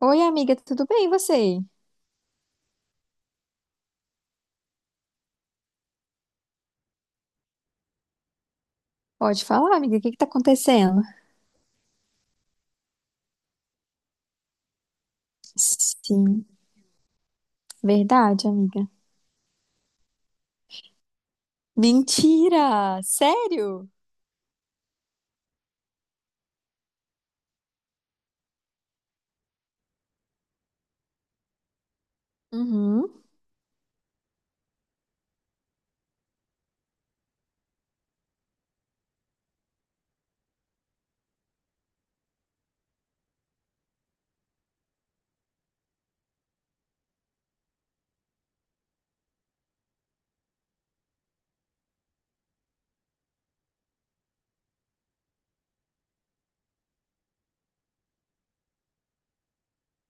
Oi, amiga, tudo bem e você? Pode falar, amiga, o que que tá acontecendo? Sim, verdade, amiga. Mentira! Sério? Uhum.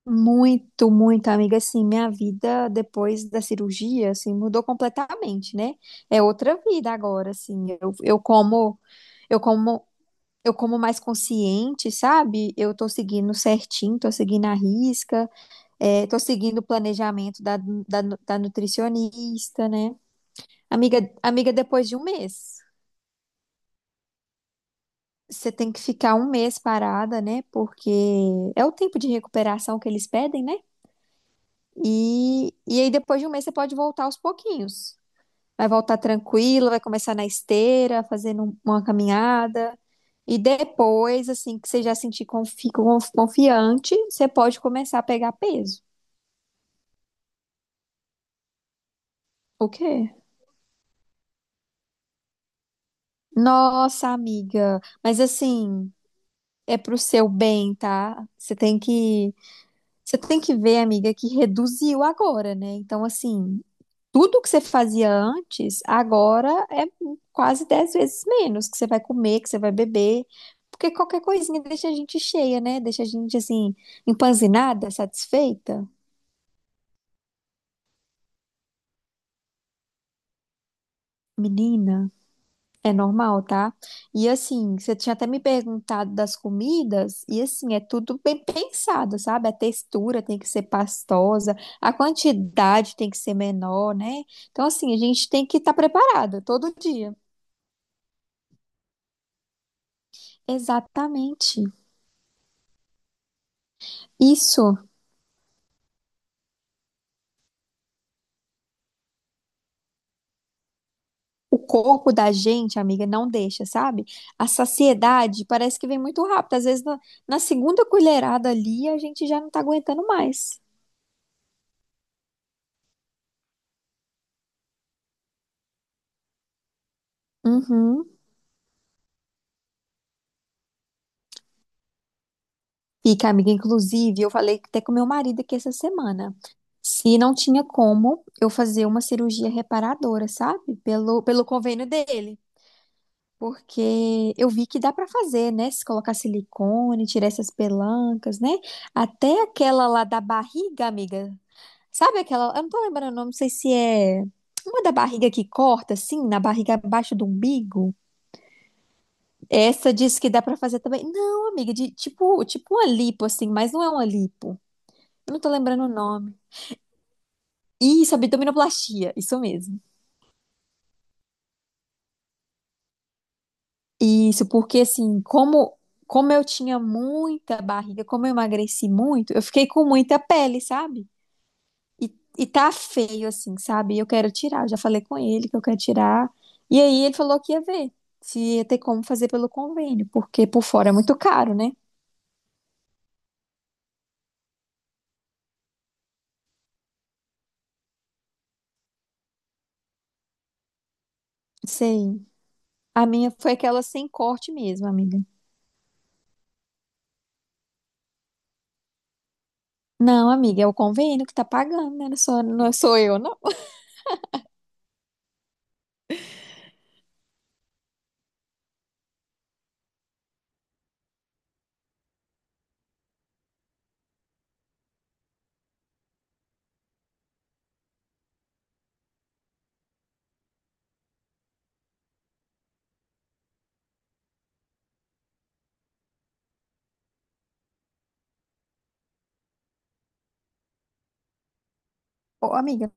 Muito, muito, amiga. Assim, minha vida depois da cirurgia, assim, mudou completamente, né? É outra vida agora, assim. Eu como, eu como, eu como mais consciente, sabe? Eu tô seguindo certinho, tô seguindo a risca, tô seguindo o planejamento da nutricionista, né? Amiga, depois de um mês, você tem que ficar um mês parada, né? Porque é o tempo de recuperação que eles pedem, né? E aí depois de um mês você pode voltar aos pouquinhos. Vai voltar tranquila, vai começar na esteira, fazendo uma caminhada. E depois, assim, que você já sentir confiante, você pode começar a pegar peso. O quê? Nossa, amiga, mas assim, é pro seu bem, tá? Você tem que ver, amiga, que reduziu agora, né? Então, assim, tudo que você fazia antes, agora é quase 10 vezes menos que você vai comer, que você vai beber. Porque qualquer coisinha deixa a gente cheia, né? Deixa a gente, assim, empanzinada, satisfeita. Menina. É normal, tá? E assim, você tinha até me perguntado das comidas, e assim, é tudo bem pensado, sabe? A textura tem que ser pastosa, a quantidade tem que ser menor, né? Então, assim, a gente tem que estar preparado todo dia. Exatamente. Isso, o corpo da gente, amiga, não deixa, sabe? A saciedade parece que vem muito rápido. Às vezes, na segunda colherada ali, a gente já não tá aguentando mais. Uhum. Fica, amiga. Inclusive, eu falei até com meu marido aqui essa semana. Se não tinha como eu fazer uma cirurgia reparadora, sabe? Pelo convênio dele. Porque eu vi que dá pra fazer, né? Se colocar silicone, tirar essas pelancas, né? Até aquela lá da barriga, amiga. Sabe aquela? Eu não tô lembrando o nome, não sei se é uma da barriga que corta, assim, na barriga abaixo do umbigo. Essa diz que dá pra fazer também. Não, amiga, de tipo uma lipo, assim, mas não é uma lipo. Eu não tô lembrando o nome. Isso, abdominoplastia, isso mesmo. Isso, porque assim, como eu tinha muita barriga, como eu emagreci muito, eu fiquei com muita pele, sabe? E, e tá feio assim, sabe? E eu quero tirar, eu já falei com ele que eu quero tirar. E aí ele falou que ia ver se ia ter como fazer pelo convênio, porque por fora é muito caro, né? Sei. A minha foi aquela sem corte mesmo, amiga. Não, amiga, é o convênio que tá pagando, né? Não sou eu, não. Ô, amiga.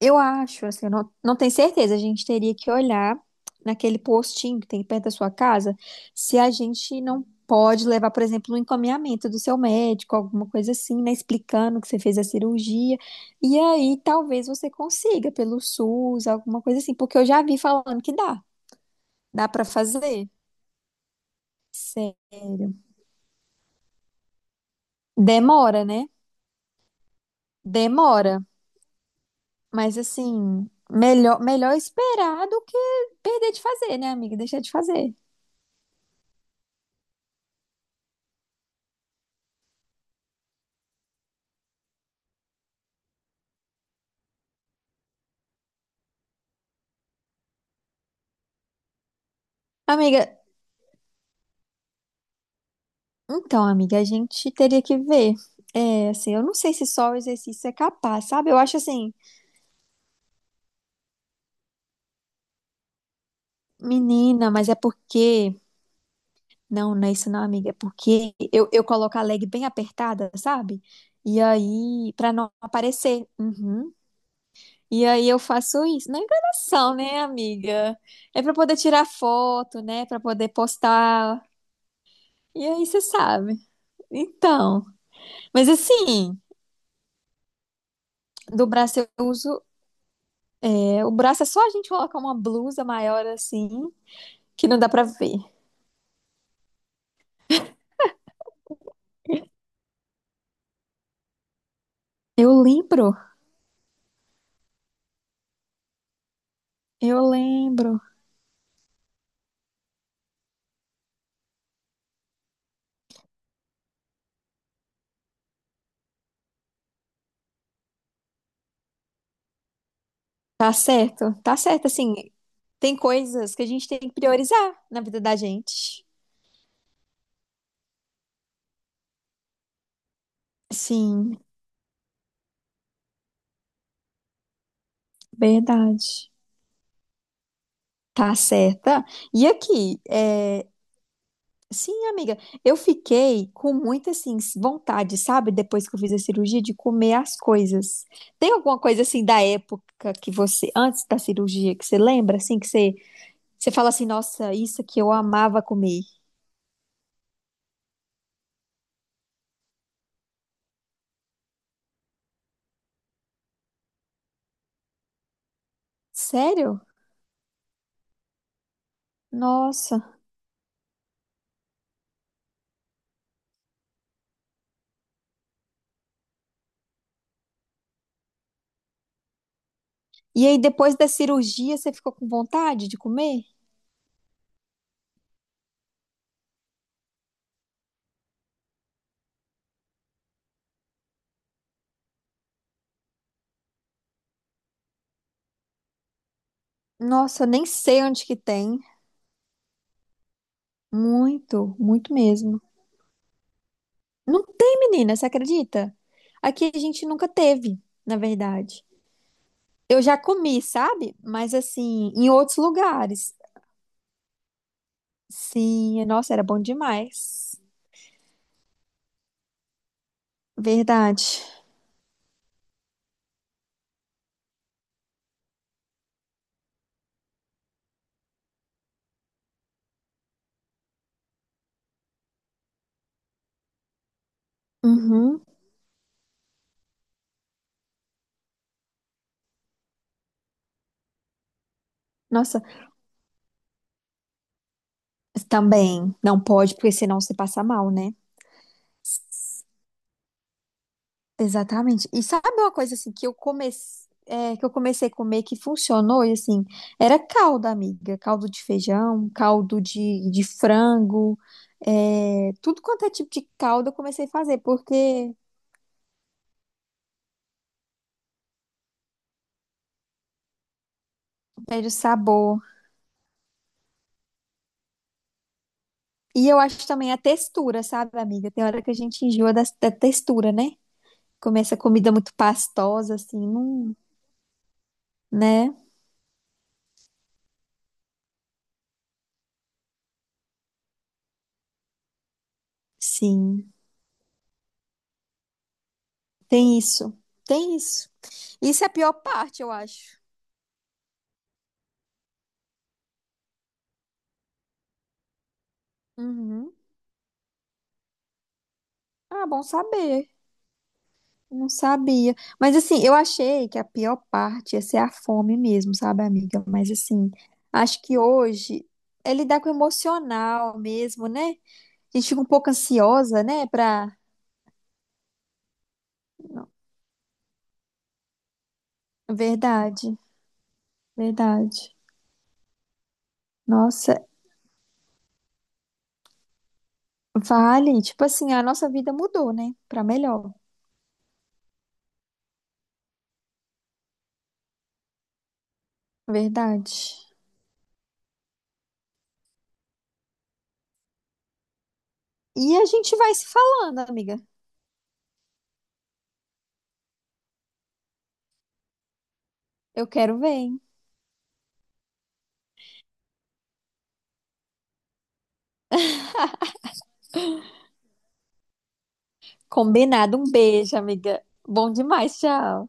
Eu acho, assim, eu não, não tenho certeza. A gente teria que olhar naquele postinho que tem perto da sua casa se a gente não pode levar, por exemplo, um encaminhamento do seu médico, alguma coisa assim, né? Explicando que você fez a cirurgia. E aí talvez você consiga pelo SUS, alguma coisa assim, porque eu já vi falando que dá. Dá pra fazer. Sério. Demora, né? Demora. Mas assim, melhor esperar do que perder de fazer, né, amiga? Deixar de fazer. Amiga, então, amiga, a gente teria que ver. É, assim, eu não sei se só o exercício é capaz, sabe? Eu acho assim, menina, mas é porque. Não, não é isso não, amiga. É porque eu coloco a leg bem apertada, sabe? E aí, pra não aparecer. Uhum. E aí eu faço isso. Não é enganação, né, amiga? É pra poder tirar foto, né? Pra poder postar. E aí, você sabe. Então. Mas assim, do braço eu uso. É, o braço é só a gente colocar uma blusa maior assim, que não dá pra ver. Eu lembro, eu lembro. Tá certo. Assim, tem coisas que a gente tem que priorizar na vida da gente. Sim, verdade. Tá certa. E aqui, sim, amiga, eu fiquei com muita, assim, vontade, sabe? Depois que eu fiz a cirurgia, de comer as coisas. Tem alguma coisa, assim, da época que você, antes da cirurgia, que você lembra, assim, você fala assim, nossa, isso que eu amava comer. Sério? Nossa. E aí, depois da cirurgia, você ficou com vontade de comer? Nossa, eu nem sei onde que tem. Muito, muito mesmo. Não tem, menina, você acredita? Aqui a gente nunca teve, na verdade. Eu já comi, sabe? Mas assim, em outros lugares. Sim, nossa, era bom demais. Verdade. Uhum. Nossa, também não pode, porque senão você passa mal, né? Exatamente. E sabe uma coisa assim que eu comecei a comer que funcionou e assim, era caldo, amiga, caldo de feijão, caldo de frango, é, tudo quanto é tipo de caldo eu comecei a fazer porque perde o sabor. E eu acho também a textura, sabe, amiga? Tem hora que a gente enjoa da textura, né? Começa a comida muito pastosa assim, não, né? Sim. Tem isso. Tem isso. Isso é a pior parte, eu acho. Uhum. Ah, bom saber. Não sabia. Mas assim, eu achei que a pior parte ia ser a fome mesmo, sabe, amiga? Mas assim, acho que hoje é lidar com o emocional mesmo, né? A gente fica um pouco ansiosa, né? Pra. Não, Verdade, verdade. Nossa, vale. Tipo assim, a nossa vida mudou, né? Pra melhor. Verdade. E a gente vai se falando, amiga. Eu quero ver, hein? Combinado. Um beijo, amiga. Bom demais, tchau.